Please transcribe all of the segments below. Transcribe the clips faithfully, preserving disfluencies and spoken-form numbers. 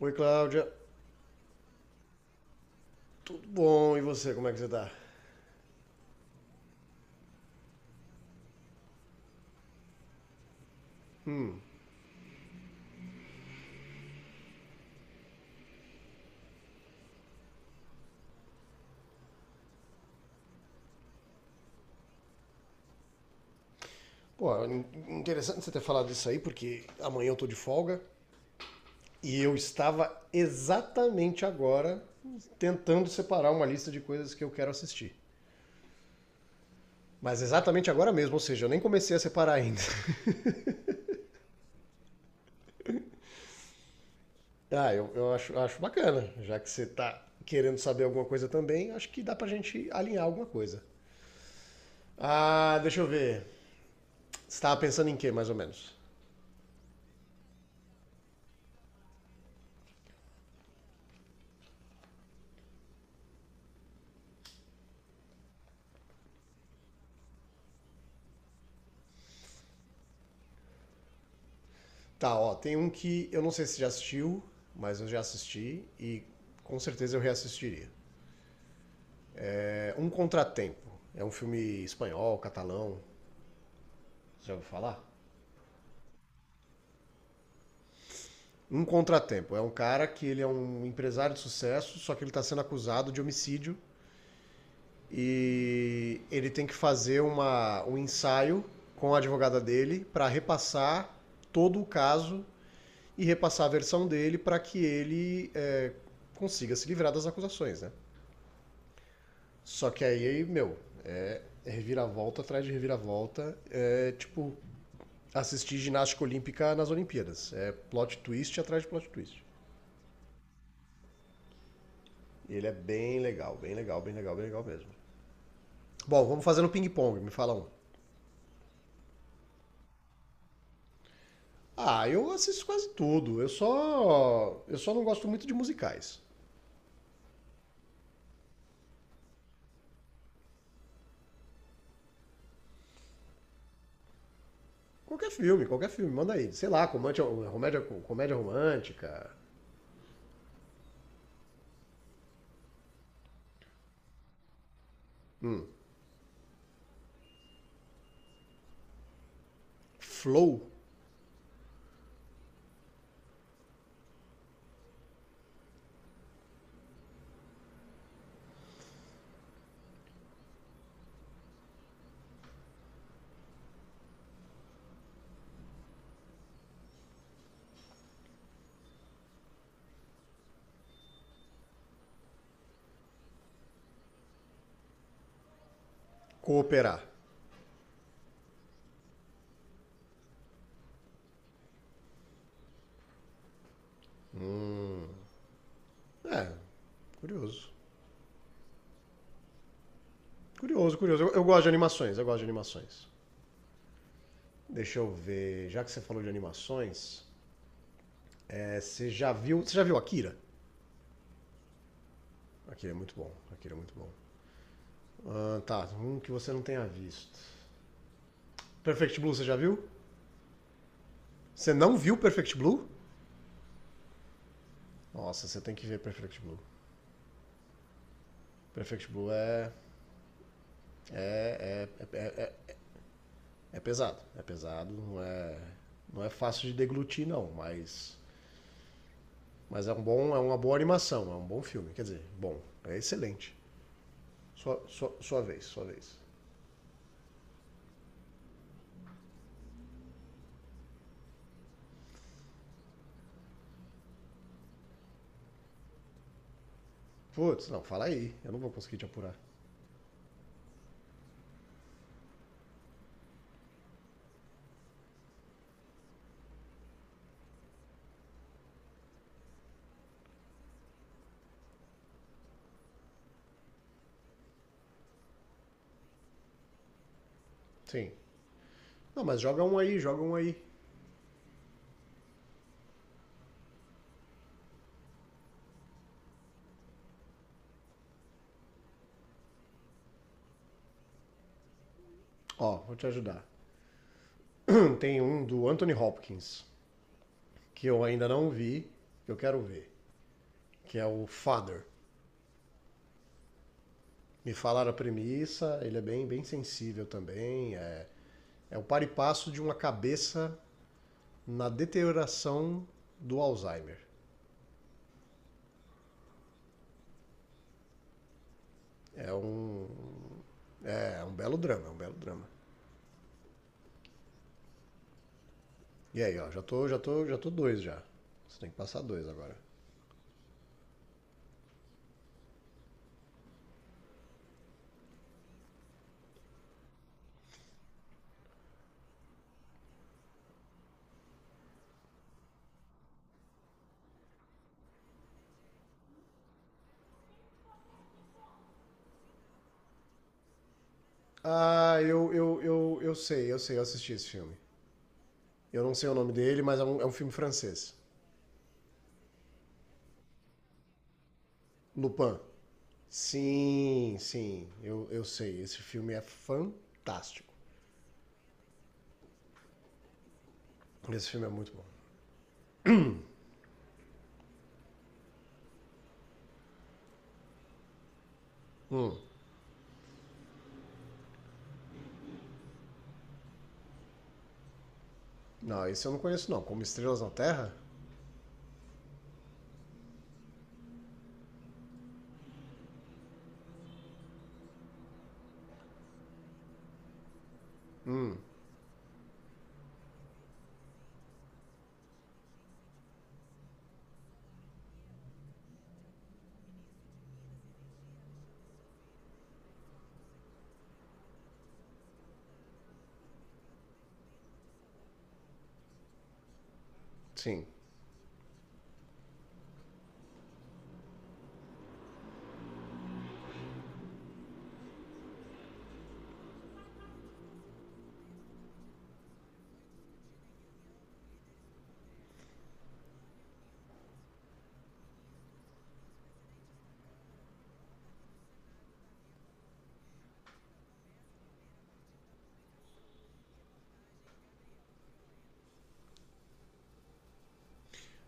Oi, Cláudia. Tudo bom? E você, como é que você tá? Pô, in- interessante você ter falado isso aí, porque amanhã eu tô de folga e eu estava exatamente agora tentando separar uma lista de coisas que eu quero assistir. Mas exatamente agora mesmo, ou seja, eu nem comecei a separar ainda. Ah, eu, eu acho, acho bacana, já que você tá querendo saber alguma coisa também, acho que dá pra gente alinhar alguma coisa. Ah, deixa eu ver. Você tava pensando em quê, mais ou menos? Tá, ó, tem um que eu não sei se já assistiu, mas eu já assisti e com certeza eu reassistiria. É Um Contratempo. É um filme espanhol, catalão. Você Já ouviu falar? Um Contratempo. É um cara que ele é um empresário de sucesso, só que ele está sendo acusado de homicídio e ele tem que fazer uma, um ensaio com a advogada dele para repassar todo o caso e repassar a versão dele para que ele é, consiga se livrar das acusações, né? Só que aí, meu, reviravolta atrás de reviravolta. É tipo assistir ginástica olímpica nas Olimpíadas. É plot twist atrás de plot twist. E ele é bem legal, bem legal, bem legal, bem legal mesmo. Bom, vamos fazer no ping-pong, me fala um. Ah, eu assisto quase tudo. Eu só. Eu só não gosto muito de musicais. Qualquer filme, qualquer filme, manda aí. Sei lá, comédia, comédia, comédia romântica. Flow, cooperar. É, curioso. Curioso, curioso. Eu, eu gosto de animações, eu gosto de animações. Deixa eu ver. Já que você falou de animações, é, você já viu. Você já viu Akira? Akira é muito bom. Akira é muito bom. Ah, tá, um que você não tenha visto. Perfect Blue, você já viu? Você não viu Perfect Blue? Nossa, você tem que ver Perfect Blue. Perfect Blue é. É, é, é, é, é pesado. É pesado, não é. Não é fácil de deglutir, não, mas. Mas é um bom, é uma boa animação, é um bom filme. Quer dizer, bom, é excelente. Sua, sua, sua vez, sua vez. Putz, não, fala aí. Eu não vou conseguir te apurar. Sim. Não, mas joga um aí, joga um aí. Ó, vou te ajudar. Tem um do Anthony Hopkins, que eu ainda não vi, que eu quero ver, que é o Father. Me falaram a premissa, ele é bem, bem sensível também. É, é o par e passo de uma cabeça na deterioração do Alzheimer. É um. É, é um belo drama, é um belo drama. E aí, ó, já tô, já tô, já tô dois já. Você tem que passar dois agora. Ah, eu, eu, eu, eu sei, eu sei, eu assisti esse filme. Eu não sei o nome dele, mas é um, é um filme francês. Lupin. Sim, sim, eu, eu sei. Esse filme é fantástico. Esse filme é muito bom. Hum. Não, esse eu não conheço não. Como Estrelas na Terra? Sim.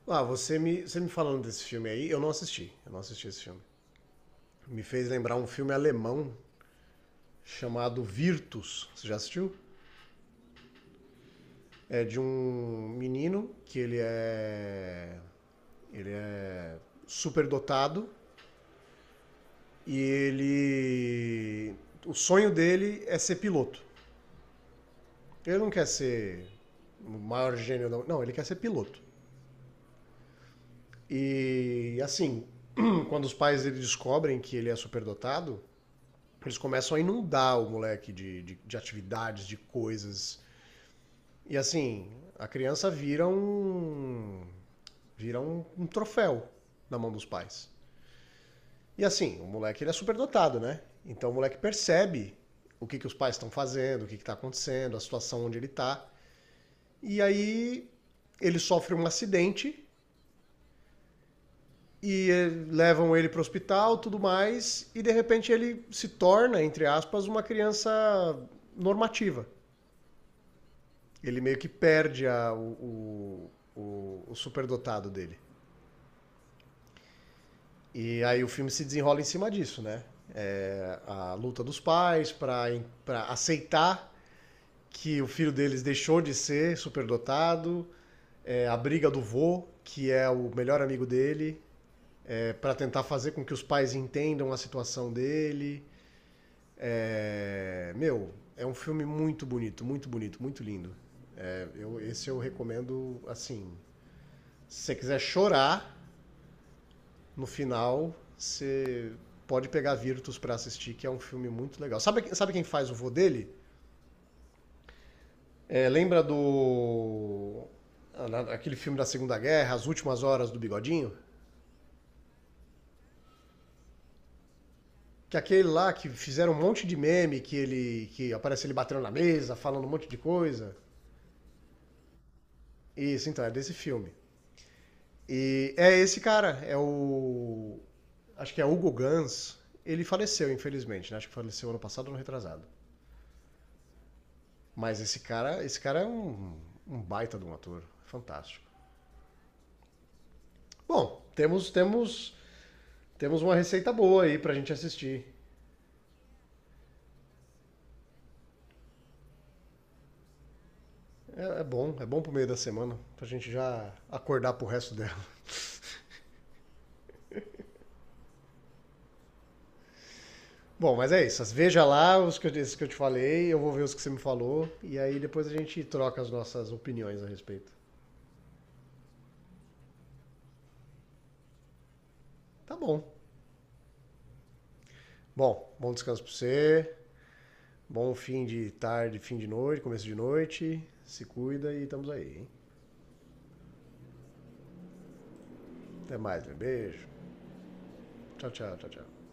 Ah, você me, você me falando desse filme aí, eu não assisti. Eu não assisti esse filme. Me fez lembrar um filme alemão chamado Virtus. Você já assistiu? É de um menino que ele é. Ele é superdotado. E ele. O sonho dele é ser piloto. Ele não quer ser o maior gênio, não. Não, ele quer ser piloto. E assim, quando os pais dele descobrem que ele é superdotado, eles começam a inundar o moleque de, de, de atividades, de coisas. E assim, a criança vira um. Vira um, um troféu na mão dos pais. E assim, o moleque ele é super dotado, né? Então o moleque percebe o que, que os pais estão fazendo, o que está acontecendo, a situação onde ele está. E aí ele sofre um acidente e eh, levam ele para o hospital, tudo mais, e de repente ele se torna, entre aspas, uma criança normativa. Ele meio que perde a- o, o, o, o superdotado dele. E aí o filme se desenrola em cima disso, né? É, a luta dos pais para aceitar que o filho deles deixou de ser superdotado, é, a briga do vô, que é o melhor amigo dele, é, para tentar fazer com que os pais entendam a situação dele. É, meu, é um filme muito bonito, muito bonito, muito lindo. É, eu, esse eu recomendo, assim, se você quiser chorar no final, você pode pegar Virtus para assistir, que é um filme muito legal. Sabe, sabe quem faz o vô dele? É, lembra do. Aquele filme da Segunda Guerra, As Últimas Horas do Bigodinho? Que aquele lá que fizeram um monte de meme, que ele que aparece ele batendo na mesa, falando um monte de coisa. Isso, então, é desse filme. E é esse cara, é o. Acho que é Hugo Gans. Ele faleceu, infelizmente, né? Acho que faleceu ano passado ou ano retrasado. Mas esse cara, esse cara é um, um baita de um ator. Fantástico. Bom, temos, temos, temos uma receita boa aí pra gente assistir. É, é bom, é bom pro meio da semana, pra gente já acordar pro resto dela. Bom, mas é isso. Veja lá os que, eu- esses que eu te falei, eu vou ver os que você me falou, e aí depois a gente troca as nossas opiniões a respeito. Tá bom. Bom, bom descanso pra você, bom fim de tarde, fim de noite, começo de noite. Se cuida e estamos aí, hein? Até mais, né? Beijo. Tchau, tchau, tchau, tchau.